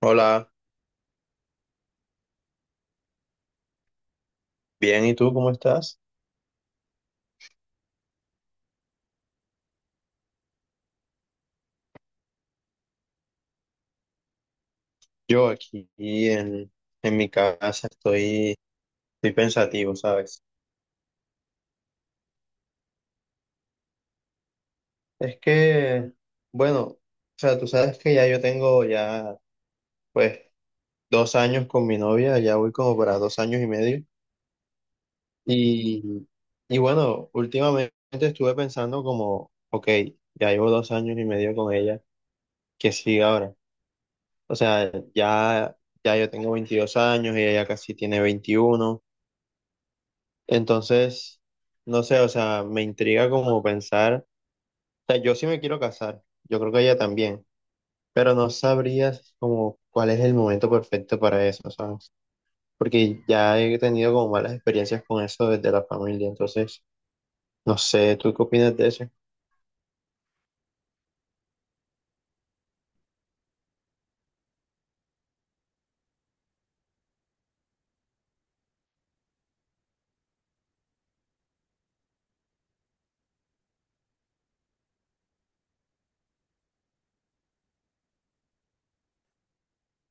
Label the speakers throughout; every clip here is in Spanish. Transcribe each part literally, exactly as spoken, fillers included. Speaker 1: Hola, bien, ¿y tú cómo estás? Yo aquí en, en mi casa estoy, estoy pensativo, ¿sabes? Es que, bueno, o sea, tú sabes que ya yo tengo ya, pues, dos años con mi novia, ya voy como para dos años y medio. Y, y bueno, últimamente estuve pensando como, ok, ya llevo dos años y medio con ella, ¿qué sigue ahora? O sea, ya, ya yo tengo veintidós años, ella ya casi tiene veintiuno. Entonces, no sé, o sea, me intriga como pensar, o sea, yo sí me quiero casar, yo creo que ella también, pero no sabrías como cuál es el momento perfecto para eso, ¿sabes? Porque ya he tenido como malas experiencias con eso desde la familia, entonces, no sé, ¿tú qué opinas de eso?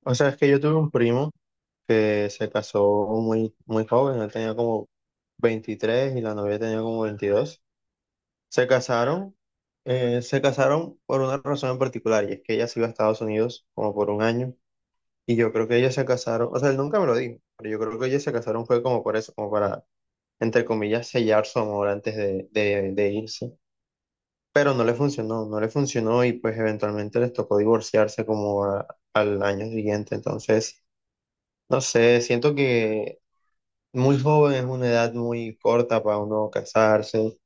Speaker 1: O sea, es que yo tuve un primo que se casó muy, muy joven, él tenía como veintitrés y la novia tenía como veintidós. Se casaron, eh, se casaron por una razón en particular, y es que ella se iba a Estados Unidos como por un año, y yo creo que ellos se casaron, o sea, él nunca me lo dijo, pero yo creo que ellos se casaron fue como por eso, como para, entre comillas, sellar su amor antes de, de, de irse. Pero no le funcionó, no le funcionó y pues eventualmente les tocó divorciarse como a- al año siguiente. Entonces, no sé, siento que muy joven es una edad muy corta para uno casarse.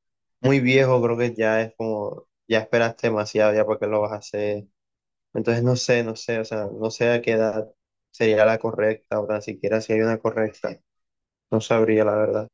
Speaker 1: Muy viejo creo que ya es como, ya esperaste demasiado ya porque lo vas a hacer. Entonces no sé, no sé, o sea, no sé a qué edad sería la correcta o tan siquiera si hay una correcta. No sabría la verdad.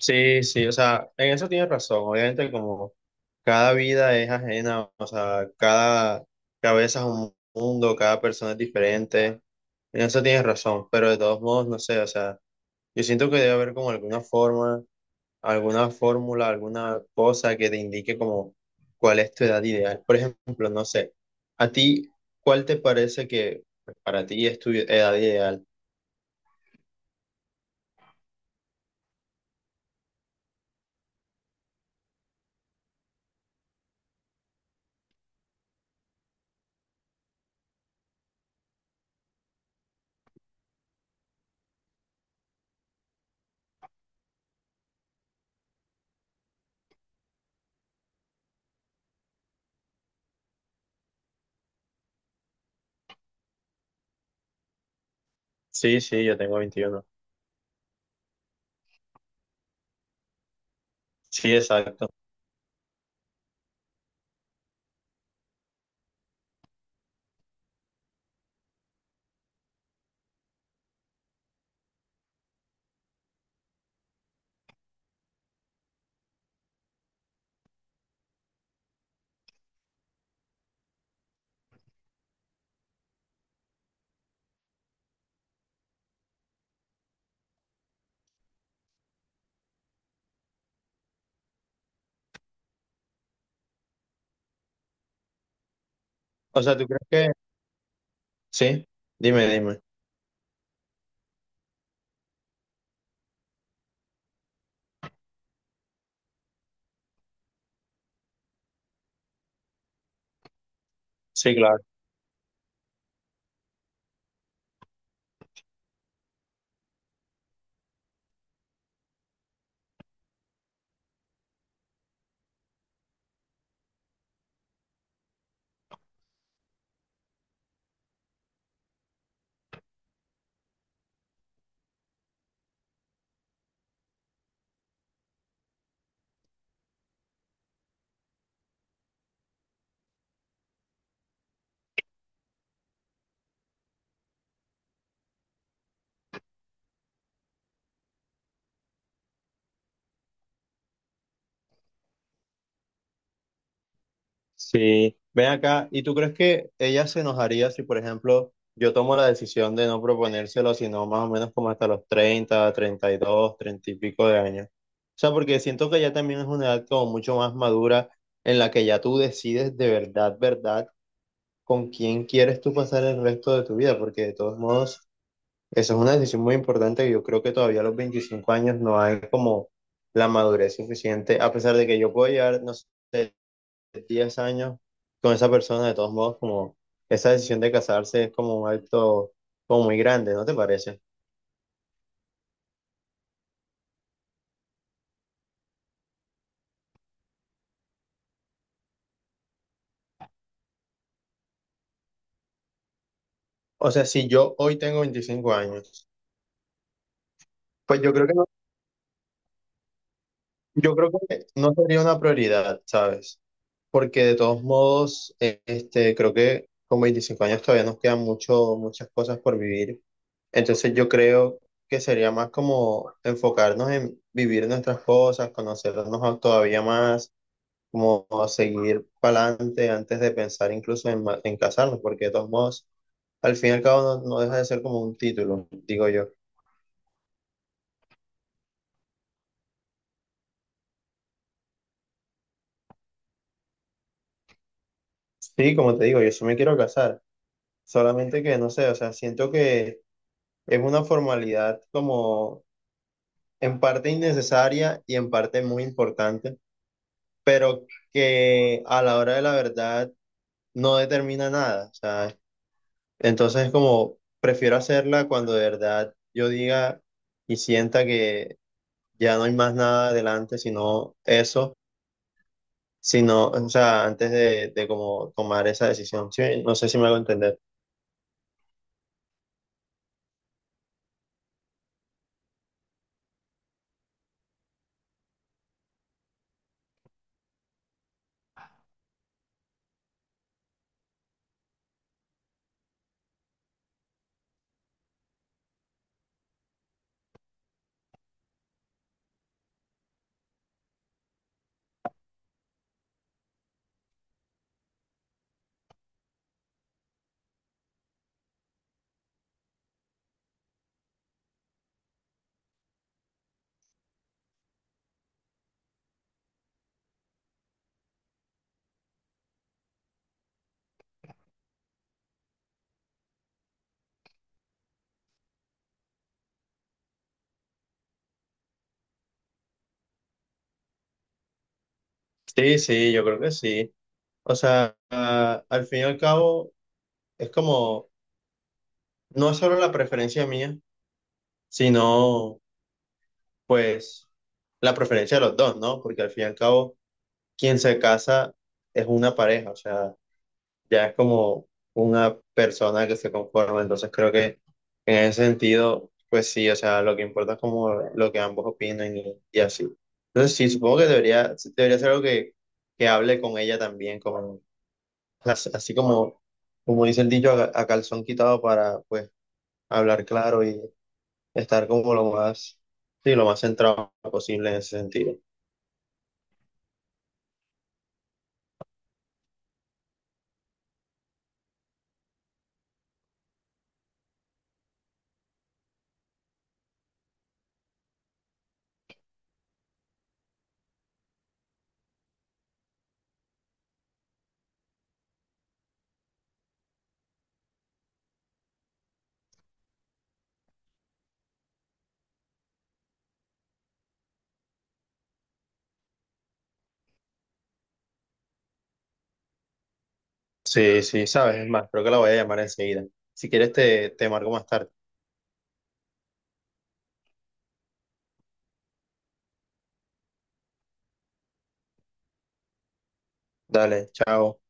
Speaker 1: Sí, sí, o sea, en eso tienes razón. Obviamente como cada vida es ajena, o sea, cada cabeza es un mundo, cada persona es diferente. En eso tienes razón, pero de todos modos, no sé, o sea, yo siento que debe haber como alguna forma alguna fórmula, alguna cosa que te indique como cuál es tu edad ideal. Por ejemplo, no sé, a ti, ¿cuál te parece que pues, para ti es tu edad ideal? Sí, sí, yo tengo veintiuno. Sí, exacto. O sea, ¿tú crees que...? Sí, dime, dime. Sí, claro. Sí, ven acá, ¿y tú crees que ella se enojaría si, por ejemplo, yo tomo la decisión de no proponérselo, sino más o menos como hasta los treinta, treinta y dos, treinta y pico de años? O sea, porque siento que ya también es una edad como mucho más madura en la que ya tú decides de verdad, verdad, con quién quieres tú pasar el resto de tu vida, porque de todos modos, eso es una decisión muy importante y yo creo que todavía a los veinticinco años no hay como la madurez suficiente, a pesar de que yo puedo llegar, no sé diez años con esa persona, de todos modos, como esa decisión de casarse es como un acto como muy grande, ¿no te parece? O sea, si yo hoy tengo veinticinco años, pues yo creo que no, yo creo que no sería una prioridad, ¿sabes? Porque de todos modos, eh, este, creo que con veinticinco años todavía nos quedan mucho, muchas cosas por vivir. Entonces yo creo que sería más como enfocarnos en vivir nuestras cosas, conocernos a- todavía más como a seguir para adelante antes de pensar incluso en, ma- en casarnos, porque de todos modos, al fin y al cabo no, no deja de ser como un título, digo yo. Sí, como te digo, yo sí me quiero casar, solamente que no sé, o sea, siento que es una formalidad como en parte innecesaria y en parte muy importante, pero que a la hora de la verdad no determina nada, o sea, entonces como prefiero hacerla cuando de verdad yo diga y sienta que ya no hay más nada adelante, sino eso, sino, o sea, antes de, de como tomar esa decisión. Sí, no sé si me hago entender. Sí, sí, yo creo que sí. O sea, ah, al fin y al cabo, es como, no es solo la preferencia mía, sino, pues, la preferencia de los dos, ¿no? Porque al fin y al cabo, quien se casa es una pareja, o sea, ya es como una persona que se conforma, entonces creo que en ese sentido, pues sí, o sea, lo que importa es como lo que ambos opinan y, y así. Entonces sí, supongo que debería, sí, debería ser algo que, que hable con ella también, como, as- así como, como dice el dicho, a, a calzón quitado para pues hablar claro y estar como lo más, sí, lo más centrado posible en ese sentido. Sí, sí, sabes, es más, creo que la voy a llamar enseguida. Si quieres te, te marco más tarde. Dale, chao.